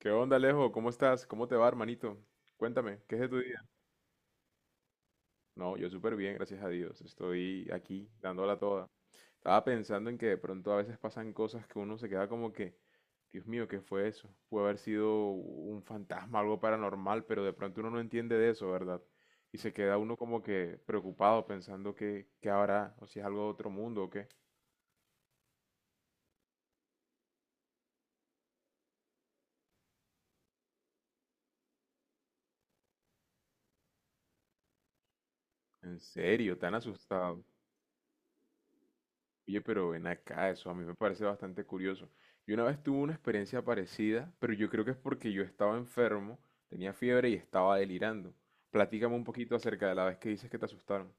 ¿Qué onda, Alejo? ¿Cómo estás? ¿Cómo te va, hermanito? Cuéntame, ¿qué es de tu día? No, yo súper bien, gracias a Dios. Estoy aquí dándola toda. Estaba pensando en que de pronto a veces pasan cosas que uno se queda como que, Dios mío, ¿qué fue eso? Puede haber sido un fantasma, algo paranormal, pero de pronto uno no entiende de eso, ¿verdad? Y se queda uno como que preocupado pensando que, qué habrá, o si es algo de otro mundo o qué. En serio, tan asustado. Oye, pero ven acá, eso a mí me parece bastante curioso. Yo una vez tuve una experiencia parecida, pero yo creo que es porque yo estaba enfermo, tenía fiebre y estaba delirando. Platícame un poquito acerca de la vez que dices que te asustaron.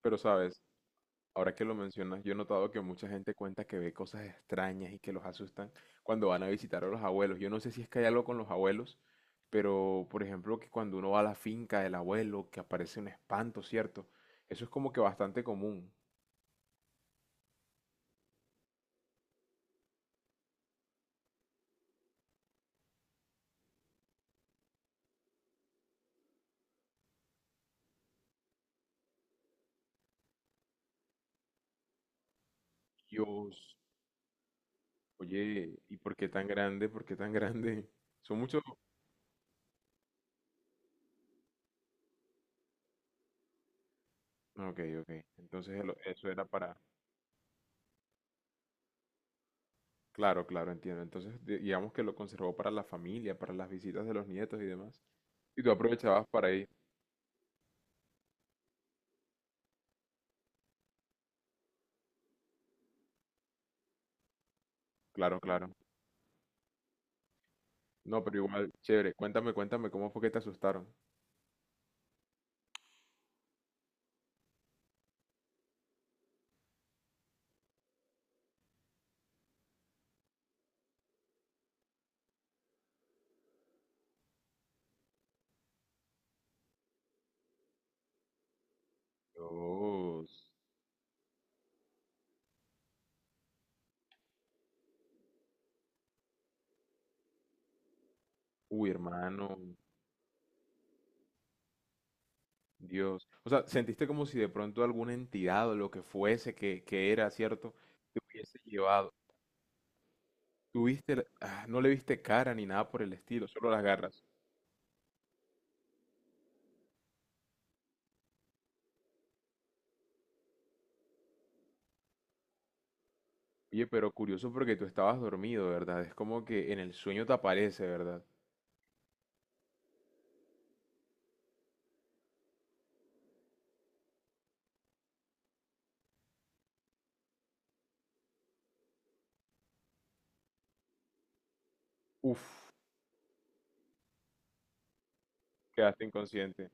Pero sabes, ahora que lo mencionas, yo he notado que mucha gente cuenta que ve cosas extrañas y que los asustan cuando van a visitar a los abuelos. Yo no sé si es que hay algo con los abuelos, pero por ejemplo que cuando uno va a la finca del abuelo, que aparece un espanto, ¿cierto? Eso es como que bastante común. Yo... Oye, ¿y por qué tan grande? ¿Por qué tan grande? Son muchos... Ok, ok. Entonces eso era para... Claro, claro, entiendo. Entonces digamos que lo conservó para la familia, para las visitas de los nietos y demás. Y tú aprovechabas para ir. Claro, claro. No, pero igual, chévere. Cuéntame, cuéntame, ¿cómo fue que te asustaron? Dios. Uy, hermano. Dios. O sea, sentiste como si de pronto alguna entidad o lo que fuese que era, ¿cierto? Te hubiese llevado. Tuviste, no le viste cara ni nada por el estilo, solo las garras. Oye, pero curioso porque tú estabas dormido, ¿verdad? Es como que en el sueño te aparece, ¿verdad? Uf, quedaste inconsciente.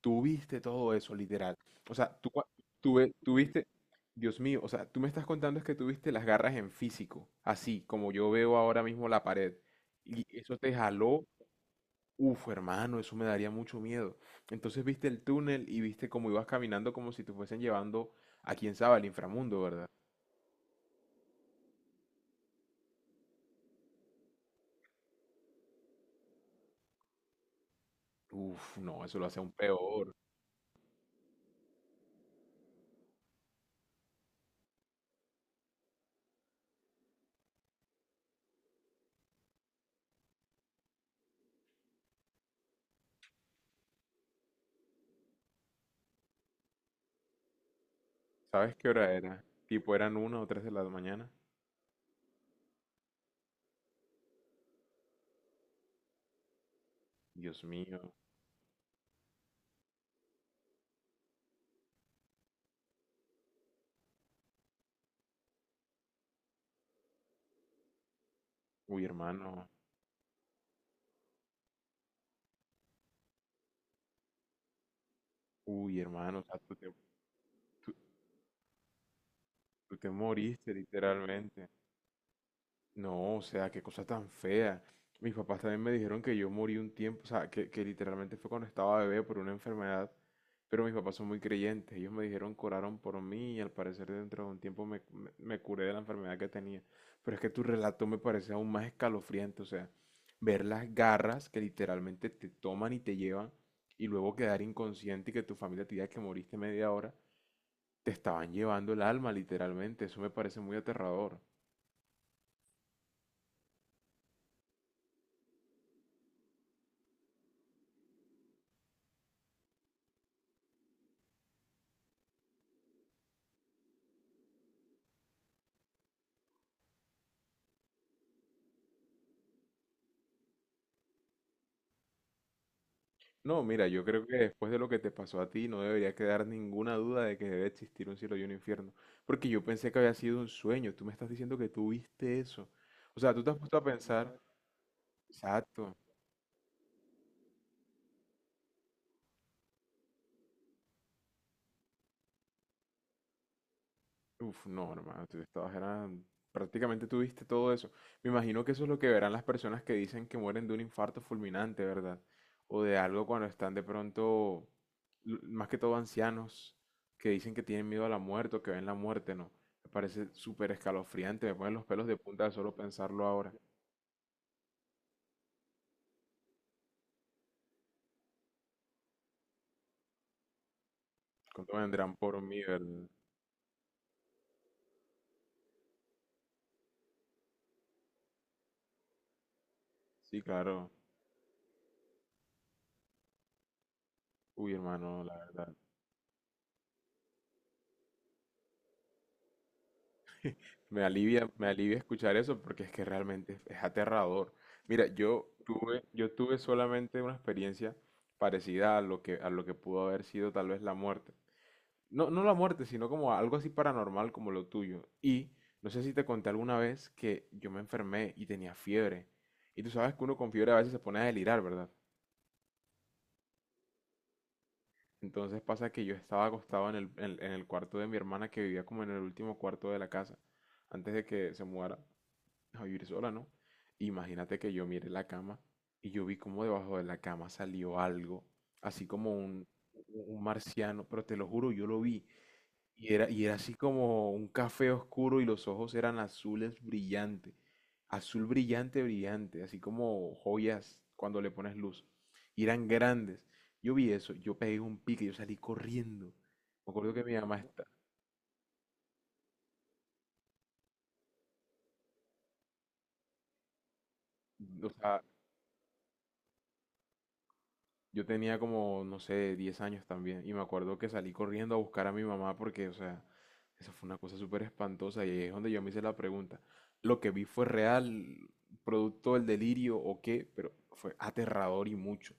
Tú viste todo eso, literal. O sea, tú, cua- tú, ve- tú viste, Dios mío, o sea, tú me estás contando es que tú viste las garras en físico, así como yo veo ahora mismo la pared. Y eso te jaló. Uf, hermano, eso me daría mucho miedo. Entonces viste el túnel y viste cómo ibas caminando como si te fuesen llevando a quién sabe al inframundo, ¿verdad? Uf, no, eso lo hace aún peor. ¿Sabes qué hora era? Tipo, ¿eran una o tres de la mañana? Dios mío. Uy, hermano. Uy, hermano. O sea, tú- tú te moriste literalmente. No, o sea, qué cosa tan fea. Mis papás también me dijeron que yo morí un tiempo, o sea, que literalmente fue cuando estaba bebé por una enfermedad, pero mis papás son muy creyentes. Ellos me dijeron oraron por mí y al parecer dentro de un tiempo me curé de la enfermedad que tenía. Pero es que tu relato me parece aún más escalofriante, o sea, ver las garras que literalmente te toman y te llevan y luego quedar inconsciente y que tu familia te diga que moriste media hora, te estaban llevando el alma literalmente. Eso me parece muy aterrador. No, mira, yo creo que después de lo que te pasó a ti no debería quedar ninguna duda de que debe existir un cielo y un infierno, porque yo pensé que había sido un sueño, tú me estás diciendo que tú viste eso. O sea, tú te has puesto a pensar, exacto. Uf, no, hermano, tú estabas, era, prácticamente tuviste todo eso. Me imagino que eso es lo que verán las personas que dicen que mueren de un infarto fulminante, ¿verdad? O de algo cuando están de pronto, más que todo ancianos, que dicen que tienen miedo a la muerte o que ven la muerte, ¿no? Me parece súper escalofriante, me ponen los pelos de punta de solo pensarlo ahora. ¿Cuánto vendrán por mí, verdad? Sí, claro. Uy, hermano, la verdad. Me alivia escuchar eso porque es que realmente es aterrador. Mira, yo tuve solamente una experiencia parecida a lo que pudo haber sido tal vez la muerte. No, no la muerte, sino como algo así paranormal como lo tuyo. Y no sé si te conté alguna vez que yo me enfermé y tenía fiebre. Y tú sabes que uno con fiebre a veces se pone a delirar, ¿verdad? Entonces pasa que yo estaba acostado en el, en el cuarto de mi hermana, que vivía como en el último cuarto de la casa, antes de que se mudara a vivir sola, ¿no? Imagínate que yo mire la cama y yo vi como debajo de la cama salió algo, así como un marciano, pero te lo juro, yo lo vi. Y era así como un café oscuro y los ojos eran azules brillantes. Azul brillante, brillante, así como joyas cuando le pones luz. Y eran grandes. Yo vi eso, yo pegué un pique, yo salí corriendo. Me acuerdo que mi mamá está... Yo tenía como, no sé, 10 años también. Y me acuerdo que salí corriendo a buscar a mi mamá porque, o sea, esa fue una cosa súper espantosa. Y ahí es donde yo me hice la pregunta. ¿Lo que vi fue real, producto del delirio o qué? Pero fue aterrador y mucho.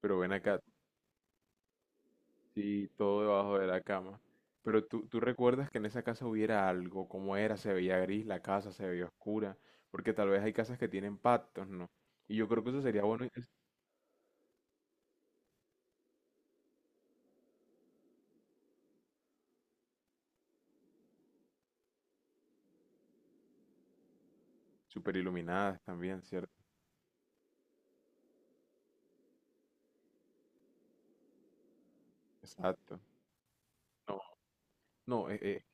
Pero ven acá, sí, todo debajo de la cama. Pero tú recuerdas que en esa casa hubiera algo, cómo era, ¿se veía gris la casa, se veía oscura, porque tal vez hay casas que tienen pactos, ¿no? Y yo creo que eso sería bueno, súper iluminadas también, ¿cierto? Exacto. No,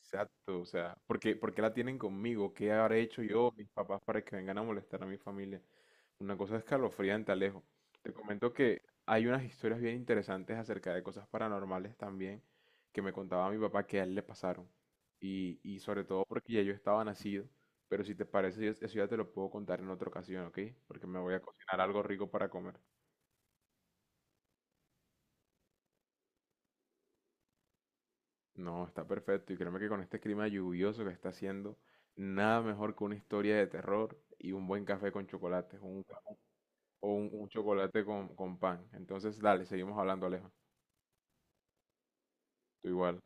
exacto, o sea, por qué la tienen conmigo? ¿Qué habré hecho yo, mis papás, para que vengan a molestar a mi familia? Una cosa escalofriante, Alejo. Te comento que hay unas historias bien interesantes acerca de cosas paranormales también que me contaba mi papá que a él le pasaron. Y sobre todo porque ya yo estaba nacido, pero si te parece, eso ya te lo puedo contar en otra ocasión, ¿ok? Porque me voy a cocinar algo rico para comer. No, está perfecto. Y créeme que con este clima lluvioso que está haciendo, nada mejor que una historia de terror y un buen café con chocolate, un, o un, un chocolate con pan. Entonces, dale, seguimos hablando, Alejo. Tú igual.